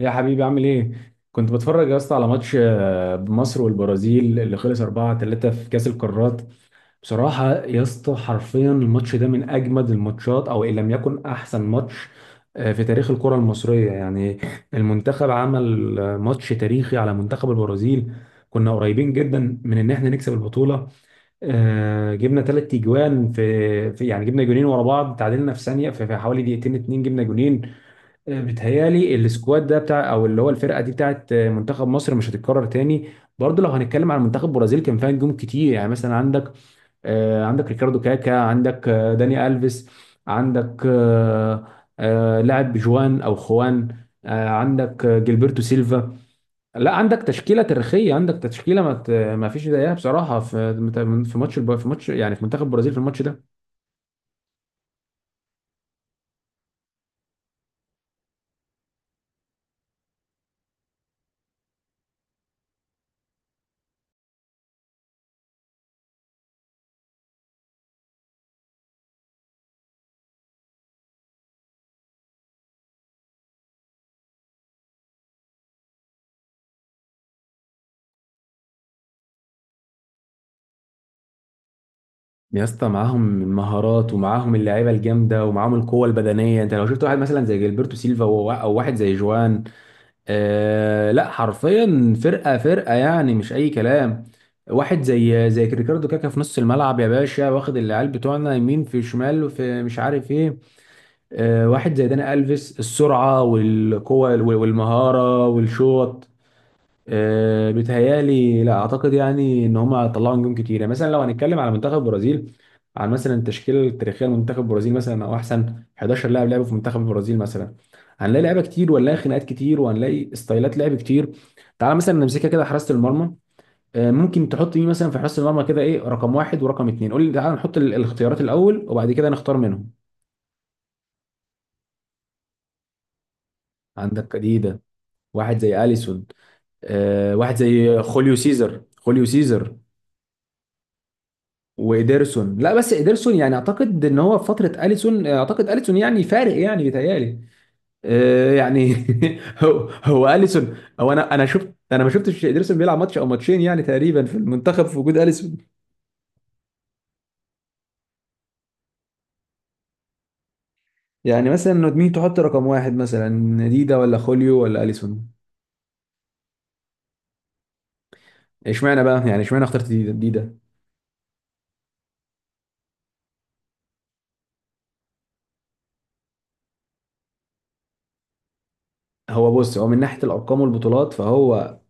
يا حبيبي عامل ايه؟ كنت بتفرج يا اسطى على ماتش مصر والبرازيل اللي خلص 4-3 في كأس القارات. بصراحة يا اسطى حرفيا الماتش ده من أجمد الماتشات أو إن لم يكن أحسن ماتش في تاريخ الكرة المصرية. يعني المنتخب عمل ماتش تاريخي على منتخب البرازيل. كنا قريبين جدا من إن احنا نكسب البطولة. جبنا ثلاث تجوان يعني جبنا جونين ورا بعض، تعادلنا في ثانية في حوالي دقيقتين، اتنين جبنا جونين. بتهيالي السكواد ده بتاع او اللي هو الفرقه دي بتاعت منتخب مصر مش هتتكرر تاني. برضه لو هنتكلم عن منتخب البرازيل كان فيها نجوم كتير، يعني مثلا عندك عندك ريكاردو كاكا، عندك داني الفيس، عندك لاعب جوان او خوان، عندك جilberto سيلفا. لا عندك تشكيله تاريخيه، عندك تشكيله ما فيش زيها بصراحه في في ماتش يعني في منتخب البرازيل في الماتش ده. يا اسطى معاهم المهارات ومعاهم اللعيبه الجامده ومعاهم القوه البدنيه. انت لو شفت واحد مثلا زي جilberto سيلفا او واحد زي جوان. آه لا، حرفيا فرقه فرقه، يعني مش اي كلام. واحد زي ريكاردو كاكا في نص الملعب يا باشا، واخد العيال بتوعنا يمين في شمال وفي مش عارف ايه. آه، واحد زي داني الفيس، السرعه والقوه والمهاره والشوط. أه بيتهيألي، لا اعتقد يعني ان هم طلعوا نجوم كتير. يعني مثلا لو هنتكلم على منتخب البرازيل، عن مثلا التشكيله التاريخيه لمنتخب البرازيل مثلا، او احسن 11 لاعب لعبوا في منتخب البرازيل مثلا، هنلاقي لعيبه كتير وهنلاقي خناقات كتير وهنلاقي ستايلات لعب كتير. تعال مثلا نمسكها كده، حراسه المرمى. أه ممكن تحط مين مثلا في حراسه المرمى، كده ايه رقم واحد ورقم اتنين؟ قول لي. تعال نحط الاختيارات الاول وبعد كده نختار منهم. عندك جديده، واحد زي اليسون. أه، واحد زي خوليو سيزر. وإيدرسون، لا بس إيدرسون يعني أعتقد إن هو في فترة أليسون، أعتقد أليسون يعني فارق يعني بيتهيألي. يعني هو أليسون هو. أنا شفت، ما شفتش إيدرسون بيلعب ماتش أو ماتشين يعني تقريبا في المنتخب في وجود أليسون. يعني مثلا مين تحط رقم واحد، مثلا ديدا ولا خوليو ولا أليسون؟ اشمعنى بقى، يعني اشمعنى اخترت ديدا؟ هو بص، هو من ناحية الأرقام والبطولات فهو...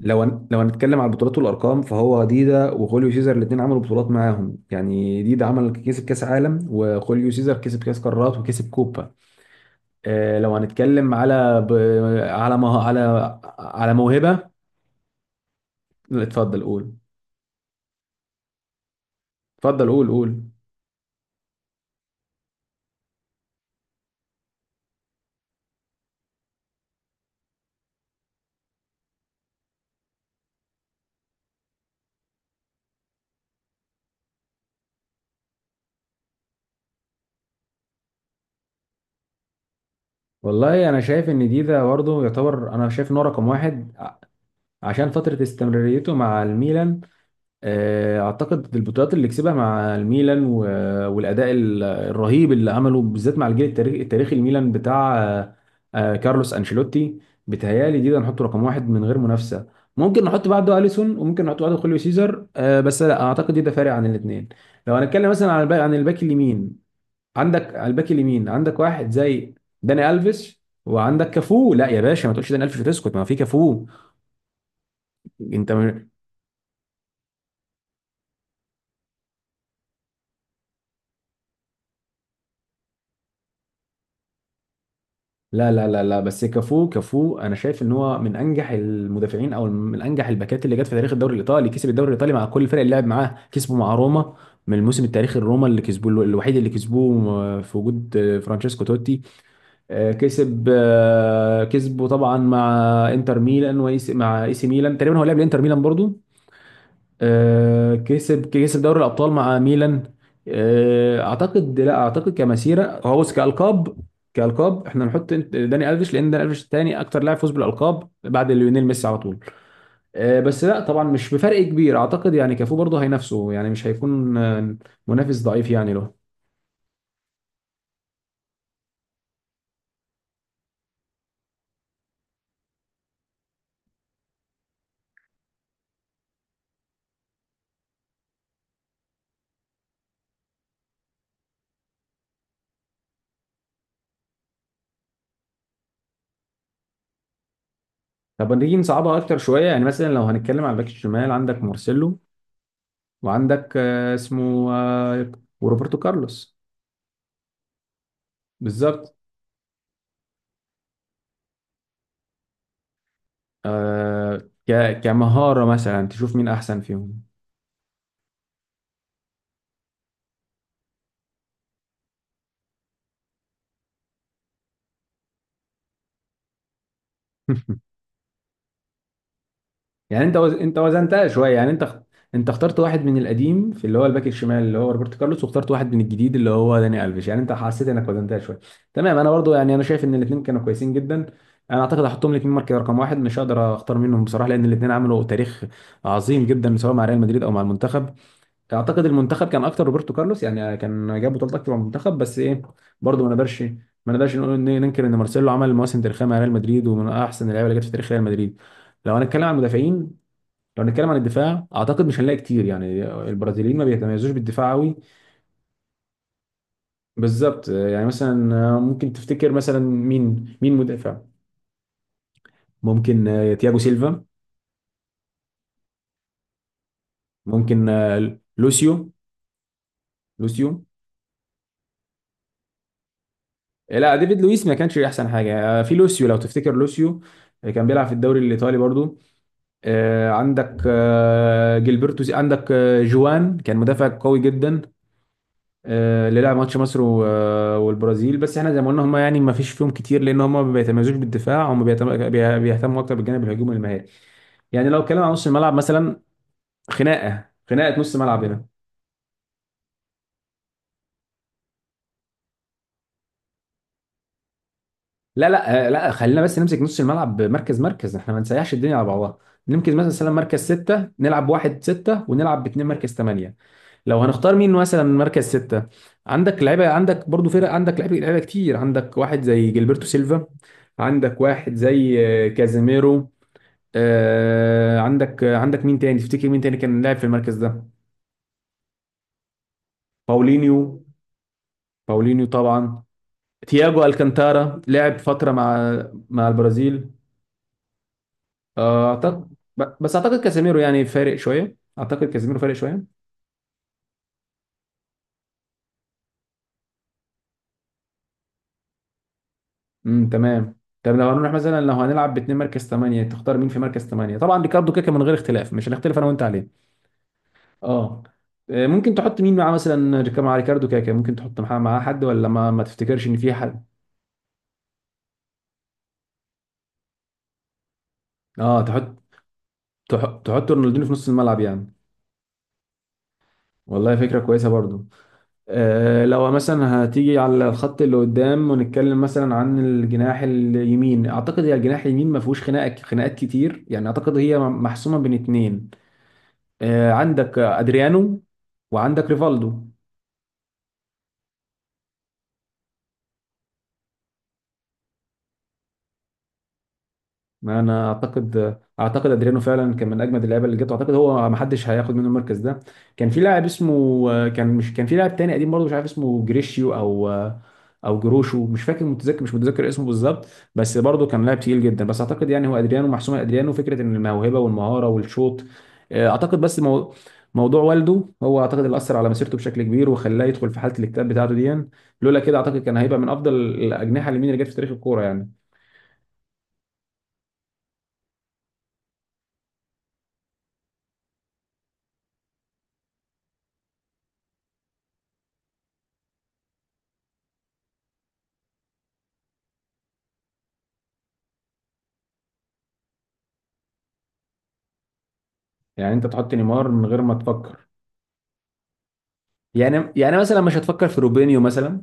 لو هنتكلم على البطولات والارقام فهو ديدا وخوليو سيزر الاثنين عملوا بطولات معاهم، يعني ديدا عمل كسب كاس عالم وخوليو سيزر كسب كاس قارات وكسب كوبا. لو هنتكلم على على ما... على موهبه. لا، اتفضل قول. اتفضل قول قول. والله انا شايف ان ديدا برضه يعتبر، انا شايف ان هو رقم واحد عشان فتره استمراريته مع الميلان. اعتقد البطولات اللي كسبها مع الميلان والاداء الرهيب اللي عمله بالذات مع الجيل التاريخي التاريخي الميلان بتاع كارلوس انشيلوتي. بتهيالي دي ده نحطه رقم واحد من غير منافسه. ممكن نحط بعده اليسون وممكن نحط بعده خوليو سيزر، بس لا اعتقد دي ده فارق عن الاثنين. لو هنتكلم مثلا عن الباك اليمين، عندك على الباك اليمين عندك واحد زي داني الفيس. وعندك كافو، لا يا باشا ما تقولش داني الفيش وتسكت، ما في كافو. انت... لا لا لا لا، بس كافو انا شايف ان هو من انجح المدافعين او من انجح الباكات اللي جت في تاريخ الدوري الايطالي. كسب الدوري الايطالي مع كل الفرق اللي لعب معاه، كسبه مع روما من الموسم التاريخي الروما اللي كسبوه الوحيد، اللي كسبوه في وجود فرانشيسكو توتي. كسب كسبه طبعا مع انتر ميلان مع اي سي ميلان. تقريبا هو لعب لانتر ميلان برضو. كسب دوري الابطال مع ميلان. اعتقد، لا اعتقد كمسيره هو بص كالقاب. كالقاب احنا نحط داني الفيش، لان داني الفيش الثاني اكتر لاعب فوز بالالقاب بعد ليونيل ميسي على طول. بس لا طبعا مش بفرق كبير. اعتقد يعني كافو برضه هينافسه، يعني مش هيكون منافس ضعيف يعني له. طب نيجي نصعبها اكتر شويه، يعني مثلا لو هنتكلم على الباك الشمال، عندك مارسيلو وعندك اسمه وروبرتو كارلوس. بالظبط. آه، كمهارة مثلا تشوف مين أحسن فيهم. يعني أنت أنت وزنتها شوية، يعني أنت أنت اخترت واحد من القديم في اللي هو الباك الشمال اللي هو روبرتو كارلوس، واخترت واحد من الجديد اللي هو داني ألفيش. يعني أنت حسيت إنك وزنتها شوية. تمام، أنا برضو يعني أنا شايف إن الاتنين كانوا كويسين جدا. أنا أعتقد هحطهم الاتنين مركز رقم واحد، مش هقدر أختار منهم بصراحة، لأن الاتنين عملوا تاريخ عظيم جدا سواء مع ريال مدريد أو مع المنتخب. اعتقد المنتخب كان اكتر روبرتو كارلوس، يعني كان جاب بطولات اكتر من المنتخب، بس ايه، برضه ما نقدرش نقول ننكر ان مارسيلو عمل مواسم تاريخيه مع ريال مدريد ومن احسن اللعيبه اللي جت في تاريخ ريال مدريد. لو هنتكلم عن المدافعين، لو هنتكلم عن الدفاع، اعتقد مش هنلاقي كتير يعني، البرازيليين ما بيتميزوش بالدفاع قوي. بالظبط، يعني مثلا ممكن تفتكر مثلا مين مدافع؟ ممكن تياجو سيلفا. ممكن لوسيو لوسيو. لا ديفيد لويس ما كانش احسن حاجه. في لوسيو لو تفتكر لوسيو، كان بيلعب في الدوري الايطالي برضو. عندك عندك جوان كان مدافع قوي جدا، اللي لعب ماتش مصر والبرازيل. بس احنا زي ما قلنا هم يعني ما فيش فيهم كتير، لان هم ما بيتميزوش بالدفاع، هم بيهتموا اكتر بالجانب الهجومي المهاري. يعني لو اتكلم عن نص الملعب مثلا، خناقه، نص ملعب هنا. لا لا، لا خلينا بس نمسك نص الملعب مركز احنا ما نسيحش الدنيا على بعضها. نمسك مثلا مركز ستة، نلعب واحد ستة ونلعب باتنين مركز تمانية. لو هنختار مين مثلا مركز ستة، عندك لعيبة، عندك برضو فرق، عندك لعيبة كتير. عندك واحد زي جilberto سيلفا، عندك واحد زي كازيميرو، عندك مين تاني تفتكر؟ مين تاني كان لاعب في المركز ده؟ باولينيو، باولينيو طبعا. تياجو الكانتارا لعب فترة مع البرازيل. أعتقد بس أعتقد كاسيميرو يعني فارق شوية، أعتقد كاسيميرو فارق شوية. تمام. طب لو هنروح مثلا، لو هنلعب باتنين مركز ثمانية، تختار مين في مركز ثمانية؟ طبعا ريكاردو كاكا من غير اختلاف، مش هنختلف أنا وأنت عليه. اه، ممكن تحط مين معاه مثلا مع ريكاردو كاكا؟ ممكن تحط معاه حد، ولا ما تفتكرش إن في حد؟ اه تحط... تحط رونالدينيو في نص الملعب يعني؟ والله فكرة كويسة برضو. لو مثلا هتيجي على الخط اللي قدام ونتكلم مثلا عن الجناح اليمين، اعتقد هي الجناح اليمين ما فيهوش خناقات كتير يعني، اعتقد هي محسومه بين اتنين. عندك ادريانو وعندك ريفالدو. ما انا اعتقد ادريانو فعلا كان من اجمد اللعيبه اللي جت، اعتقد هو ما حدش هياخد منه المركز ده. كان في لاعب اسمه، كان مش، كان في لاعب تاني قديم برضه مش عارف اسمه، جريشيو او او جروشو، مش فاكر، متذكر مش متذكر اسمه بالظبط. بس برضه كان لاعب تقيل جدا. بس اعتقد يعني هو ادريانو محسومه، ادريانو فكره ان الموهبه والمهاره والشوط. اعتقد بس موضوع والده هو اعتقد اللي اثر على مسيرته بشكل كبير وخلاه يدخل في حاله الاكتئاب بتاعته دي. لولا كده اعتقد كان هيبقى من افضل الاجنحه اليمين اللي جت في تاريخ الكوره يعني. يعني انت تحط نيمار من غير ما تفكر؟ يعني مثلا مش هتفكر في روبينيو مثلا؟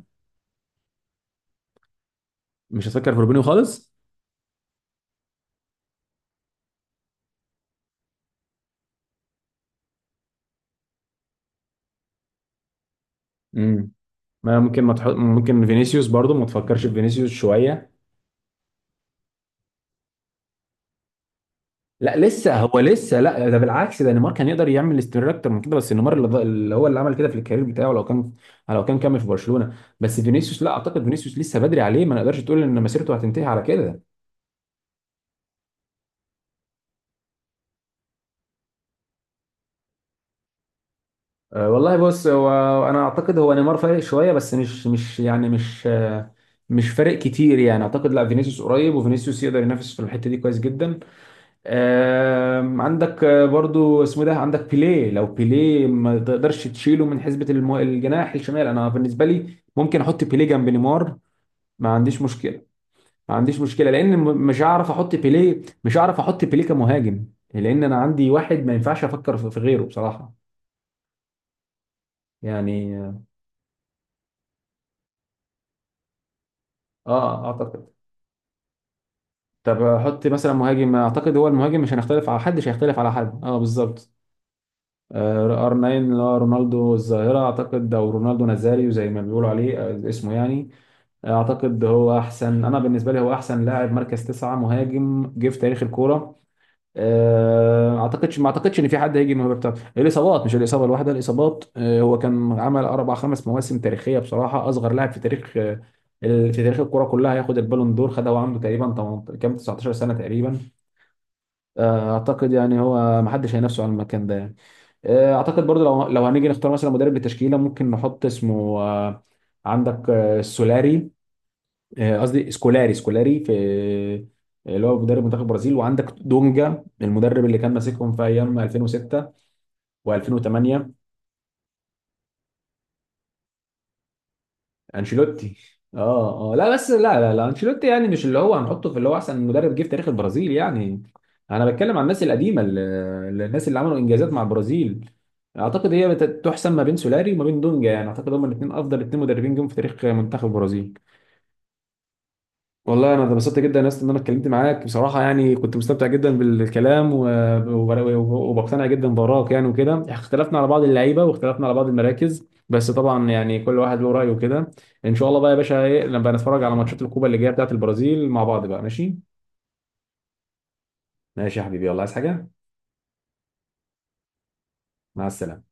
مش هتفكر في روبينيو خالص؟ امم. ما ممكن ما تحط، ممكن فينيسيوس برضو ما تفكرش في فينيسيوس شويه؟ لا، لسه هو لسه، لا ده بالعكس، ده نيمار كان يقدر يعمل استمرار اكتر من كده، بس نيمار اللي هو اللي عمل كده في الكارير بتاعه لو كان، لو كان كمل في برشلونه. بس فينيسيوس، لا اعتقد فينيسيوس لسه بدري عليه، ما نقدرش تقول ان مسيرته هتنتهي على كده. أه، والله بص هو، انا اعتقد هو نيمار فارق شويه، بس مش مش يعني مش مش فارق كتير يعني. اعتقد لا فينيسيوس قريب، وفينيسيوس يقدر ينافس في الحته دي كويس جدا. آم، عندك برضو اسمه ده، عندك بيليه. لو بيليه ما تقدرش تشيله من حسبه الجناح الشمال. انا بالنسبه لي ممكن احط بيليه جنب نيمار، ما عنديش مشكله، ما عنديش مشكله، لان مش هعرف احط بيليه، مش هعرف احط بيليه كمهاجم، لان انا عندي واحد ما ينفعش افكر في غيره بصراحه يعني. اه، اعتقد طب حط مثلا مهاجم، اعتقد هو المهاجم مش هنختلف على حد، مش هيختلف على حد اه بالظبط. ار 9 اللي هو رونالدو الظاهره اعتقد، او رونالدو نازاريو زي ما بيقولوا عليه اسمه يعني. اعتقد هو احسن، انا بالنسبه لي هو احسن لاعب مركز تسعه مهاجم جه في تاريخ الكوره. اعتقدش ما اعتقدش ان في حد هيجي الموهبه بتاعته. الاصابات، مش الاصابه الواحده، الاصابات. هو كان عمل اربع خمس مواسم تاريخيه بصراحه، اصغر لاعب في تاريخ في تاريخ الكوره كلها هياخد البالون دور، خدها وعنده تقريبا 18 كام 19 سنه تقريبا. اعتقد يعني هو ما حدش هينافسه على المكان ده يعني. اعتقد برضو لو، لو هنيجي نختار مثلا مدرب للتشكيله ممكن نحط اسمه عندك سولاري، قصدي سكولاري. سكولاري في اللي هو مدرب منتخب البرازيل، وعندك دونجا المدرب اللي كان ماسكهم في ايام 2006 و2008. انشيلوتي؟ اه اه لا، بس لا لا لا انشيلوتي يعني مش اللي هو هنحطه في اللي هو احسن مدرب جه في تاريخ البرازيل يعني. انا بتكلم عن الناس القديمه، الناس اللي عملوا انجازات مع البرازيل. اعتقد هي تحسم ما بين سولاري وما بين دونجا، يعني اعتقد هما الاثنين افضل اثنين مدربين جم في تاريخ منتخب البرازيل. والله انا اتبسطت جدا يا اسطى ان انا اتكلمت معاك بصراحه يعني، كنت مستمتع جدا بالكلام وبقتنع جدا بارائك يعني، وكده اختلفنا على بعض اللعيبه واختلفنا على بعض المراكز، بس طبعا يعني كل واحد له رايه وكده. ان شاء الله بقى يا باشا، ايه لما نتفرج على ماتشات الكوبا اللي جايه بتاعه البرازيل مع بعض بقى، ماشي؟ ماشي يا حبيبي، يلا عايز حاجه؟ مع السلامه.